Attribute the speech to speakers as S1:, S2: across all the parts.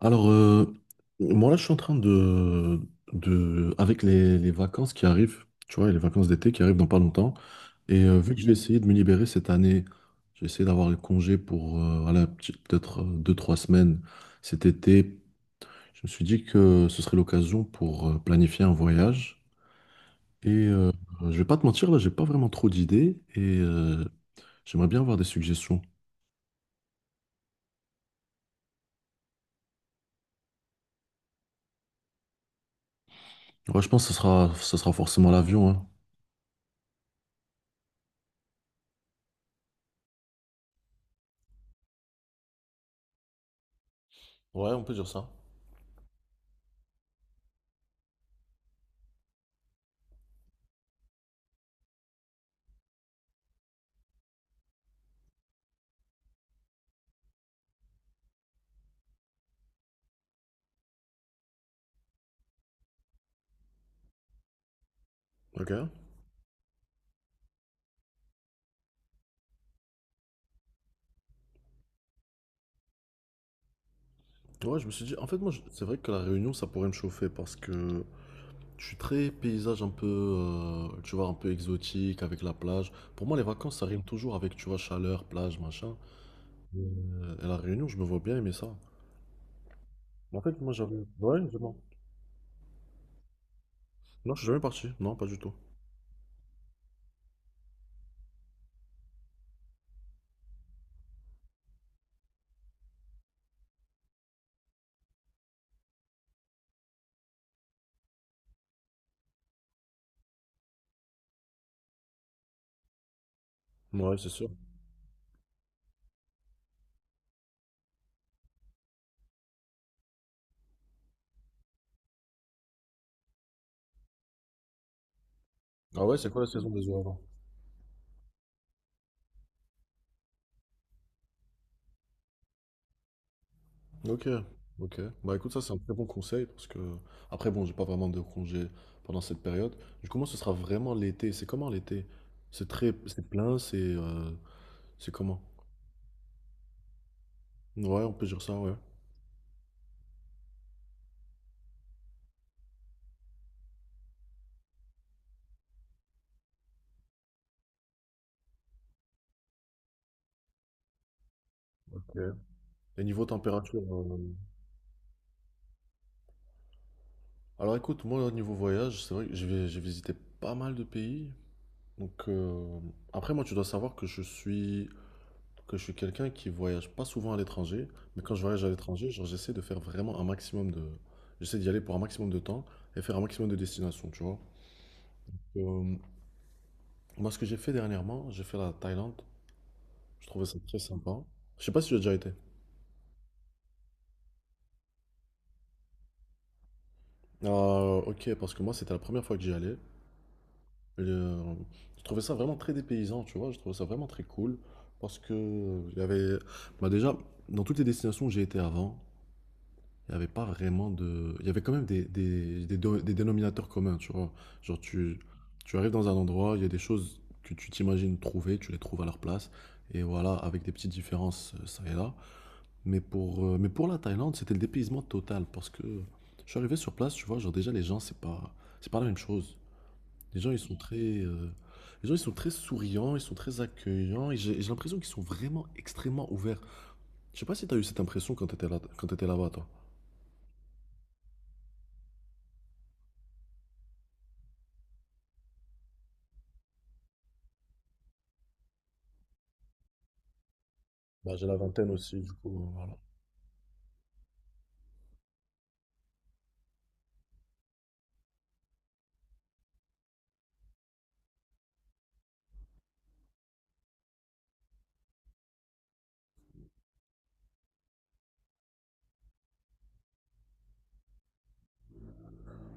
S1: Alors, moi là, je suis en train de avec les vacances qui arrivent, tu vois, les vacances d'été qui arrivent dans pas longtemps. Et vu que j'ai essayé de me libérer cette année, j'ai essayé d'avoir les congés pour voilà, peut-être 2, 3 semaines cet été. Je me suis dit que ce serait l'occasion pour planifier un voyage. Et je vais pas te mentir, là, j'ai pas vraiment trop d'idées et j'aimerais bien avoir des suggestions. Ouais, je pense que ce sera forcément l'avion, hein. Ouais, on peut dire ça. Ok. Ouais, je me suis dit, en fait, moi, c'est vrai que la Réunion, ça pourrait me chauffer parce que je suis très paysage un peu, tu vois, un peu exotique avec la plage. Pour moi, les vacances, ça rime toujours avec, tu vois, chaleur, plage, machin. Et la Réunion, je me vois bien aimer ça. Mais en fait, moi, j'avais. Ouais, Non, je suis jamais parti. Non, pas du tout. Ouais, c'est sûr. Ah ouais, c'est quoi la saison des ouragans? Ok, ok. Bah écoute, ça, c'est un très bon conseil parce que. Après, bon, j'ai pas vraiment de congé pendant cette période. Du coup, moi, ce sera vraiment l'été. C'est comment l'été? C'est très, c'est plein, c'est c'est comment? Ouais, on peut dire ça, ouais. Ok. Et niveau température, alors écoute, moi au niveau voyage, c'est vrai que j'ai visité pas mal de pays. Donc après, moi, tu dois savoir que je suis quelqu'un qui voyage pas souvent à l'étranger, mais quand je voyage à l'étranger, genre j'essaie de faire vraiment un maximum de, j'essaie d'y aller pour un maximum de temps et faire un maximum de destinations, tu vois. Euh, Moi, ce que j'ai fait dernièrement, j'ai fait la Thaïlande. Je trouvais ça très sympa. Je sais pas si tu as déjà été. Ah, ok, parce que moi, c'était la première fois que j'y allais. Et, je trouvais ça vraiment très dépaysant, tu vois. Je trouvais ça vraiment très cool parce que il y avait, bah déjà, dans toutes les destinations où j'ai été avant, il y avait pas vraiment de, il y avait quand même des dénominateurs communs, tu vois. Genre tu, tu arrives dans un endroit, il y a des choses que tu t'imagines trouver, tu les trouves à leur place. Et voilà, avec des petites différences, ça et là. Mais pour la Thaïlande, c'était le dépaysement total parce que je suis arrivé sur place, tu vois, genre déjà les gens, c'est pas la même chose. Les gens, ils sont très, euh, les gens, ils sont très souriants, ils sont très accueillants, et j'ai l'impression qu'ils sont vraiment extrêmement ouverts. Je sais pas si tu as eu cette impression quand tu étais là, quand t'étais là-bas, toi. Bah, j'ai la vingtaine aussi, du coup, voilà.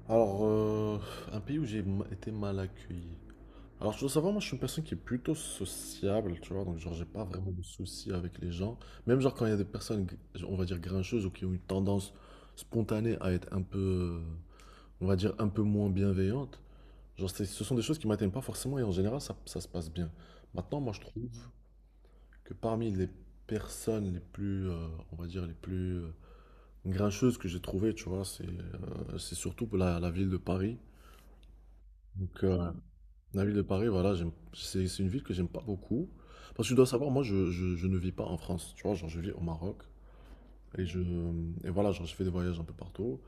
S1: Alors, un pays où été mal accueilli. Alors, je dois savoir, moi, je suis une personne qui est plutôt sociable, tu vois, donc, genre, j'ai pas vraiment de soucis avec les gens. Même, genre, quand il y a des personnes, on va dire, grincheuses ou qui ont une tendance spontanée à être un peu, on va dire, un peu moins bienveillantes. Genre, ce sont des choses qui m'atteignent pas forcément et en général, ça se passe bien. Maintenant, moi, je trouve que parmi les personnes les plus, on va dire, les plus grincheuses que j'ai trouvées, tu vois, c'est surtout pour la ville de Paris. Donc, la ville de Paris, voilà, c'est une ville que j'aime pas beaucoup. Parce que tu dois savoir, moi, je ne vis pas en France, tu vois, genre, je vis au Maroc. Et je, et voilà, genre, je fais des voyages un peu partout.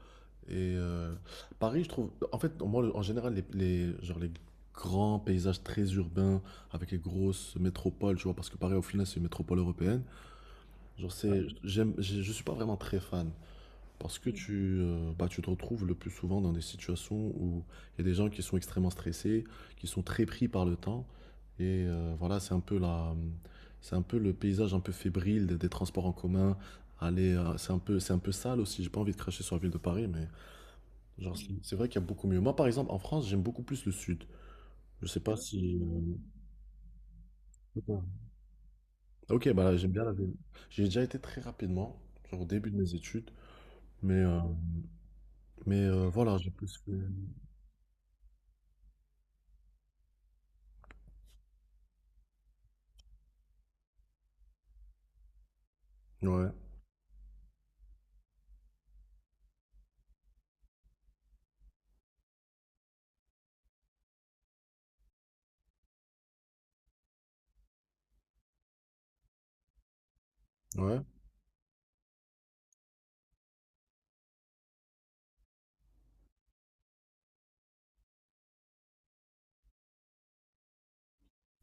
S1: Et euh, Paris, je trouve, en fait, moi, en général, genre, les grands paysages très urbains avec les grosses métropoles, tu vois, parce que Paris, au final, c'est une métropole européenne. Genre, je suis pas vraiment très fan. Parce que bah, tu te retrouves le plus souvent dans des situations où il y a des gens qui sont extrêmement stressés, qui sont très pris par le temps. Et voilà, c'est un peu le paysage un peu fébrile des transports en commun. Aller, c'est un peu sale aussi. J'ai pas envie de cracher sur la ville de Paris, mais genre, c'est vrai qu'il y a beaucoup mieux. Moi, par exemple, en France, j'aime beaucoup plus le sud. Je sais pas si. Ok, bah là, j'aime bien la ville. J'ai déjà été très rapidement, genre au début de mes études, mais, euh, voilà, j'ai plus fait. Ouais, ouais.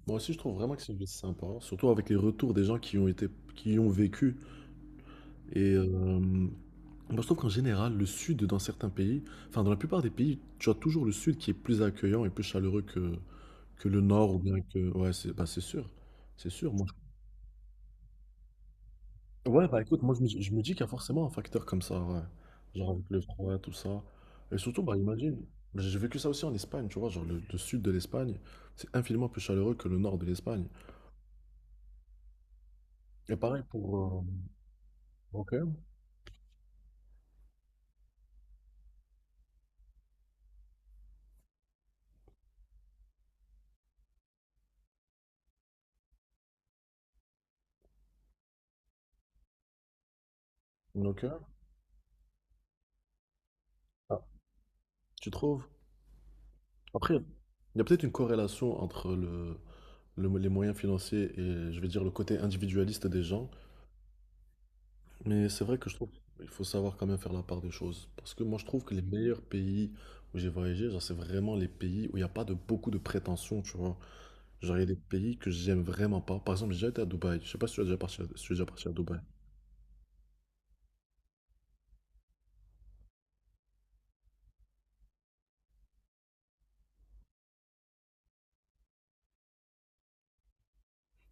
S1: Moi aussi, je trouve vraiment que c'est juste sympa, surtout avec les retours des gens qui y ont été, qui y ont vécu. Et moi, je trouve qu'en général, le sud, dans certains pays, enfin, dans la plupart des pays, tu as toujours le sud qui est plus accueillant et plus chaleureux que, le nord ou bien que. Ouais, c'est bah, c'est sûr. C'est sûr, moi. Ouais, bah écoute, moi, je me dis qu'il y a forcément un facteur comme ça, ouais. Genre avec le froid, tout ça. Et surtout, bah, imagine, j'ai vécu ça aussi en Espagne, tu vois, genre le sud de l'Espagne, c'est infiniment plus chaleureux que le nord de l'Espagne. Et pareil pour. Ok. Ok. Tu trouves? Après, il y a peut-être une corrélation entre les moyens financiers et, je vais dire, le côté individualiste des gens. Mais c'est vrai que je trouve qu'il faut savoir quand même faire la part des choses. Parce que moi, je trouve que les meilleurs pays où j'ai voyagé, genre, c'est vraiment les pays où il n'y a pas de beaucoup de prétentions, tu vois. Genre, il y a des pays que j'aime vraiment pas. Par exemple, j'ai déjà été à Dubaï. Je sais pas si tu as déjà parti à, si tu es déjà parti à Dubaï.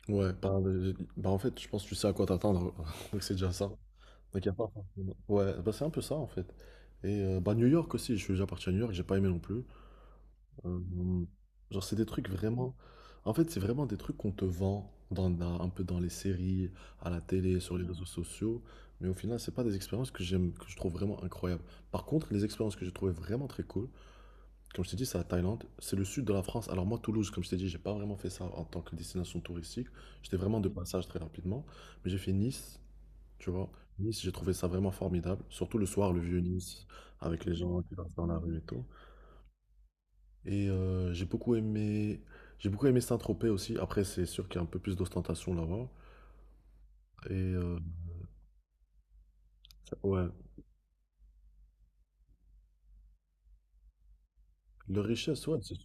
S1: Ouais, bah, en fait, je pense que tu sais à quoi t'attendre. Donc, c'est déjà ça. Ok. Ouais, bah, c'est un peu ça, en fait. Et bah, New York aussi, je suis déjà parti à New York, j'ai pas aimé non plus. Hem, genre, c'est des trucs vraiment en fait, c'est vraiment des trucs qu'on te vend dans un peu dans les séries, à la télé, sur les réseaux sociaux, mais au final, c'est pas des expériences que j'aime que je trouve vraiment incroyables. Par contre, les expériences que j'ai trouvées vraiment très cool, comme je t'ai dit, c'est la Thaïlande, c'est le sud de la France. Alors moi, Toulouse, comme je t'ai dit, j'ai pas vraiment fait ça en tant que destination touristique. J'étais vraiment de passage très rapidement, mais j'ai fait Nice, tu vois? Nice, j'ai trouvé ça vraiment formidable, surtout le soir, le vieux Nice, avec les gens qui dansent dans la rue et tout. Et j'ai beaucoup aimé Saint-Tropez aussi. Après, c'est sûr qu'il y a un peu plus d'ostentation là-bas. Et ouais, leur richesse,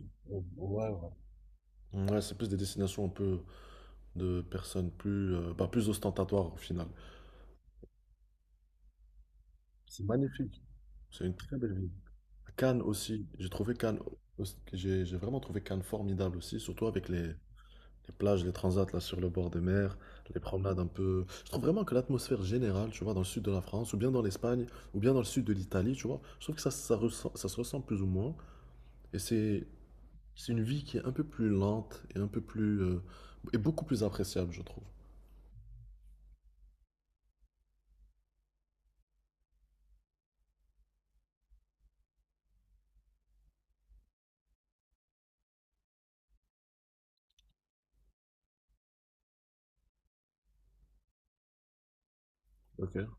S1: ouais, c'est plus des destinations un peu de personnes plus, bah, plus ostentatoires au final. C'est une très belle ville. Cannes aussi, j'ai trouvé Cannes, j'ai vraiment trouvé Cannes formidable aussi, surtout avec les plages, les transats là sur le bord des mers, les promenades un peu. Je trouve vraiment que l'atmosphère générale, tu vois, dans le sud de la France, ou bien dans l'Espagne, ou bien dans le sud de l'Italie, tu vois, je trouve que ça, ça se ressent plus ou moins. Et c'est une vie qui est un peu plus lente et un peu plus et beaucoup plus appréciable, je trouve. Ok.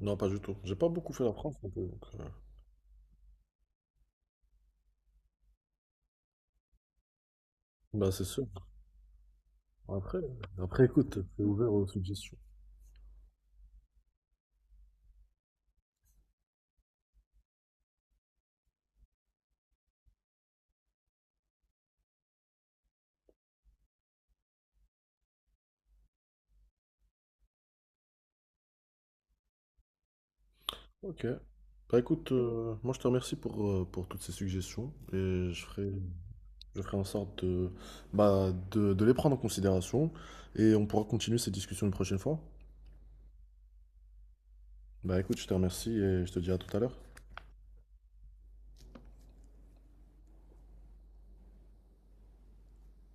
S1: Non, pas du tout. J'ai pas beaucoup fait la France non plus, donc. Bah c'est sûr. Après, après, écoute, c'est ouvert aux suggestions. Ok. Bah écoute, moi je te remercie pour toutes ces suggestions et je ferai en sorte de, bah, de les prendre en considération et on pourra continuer cette discussion une prochaine fois. Bah écoute, je te remercie et je te dis à tout à l'heure.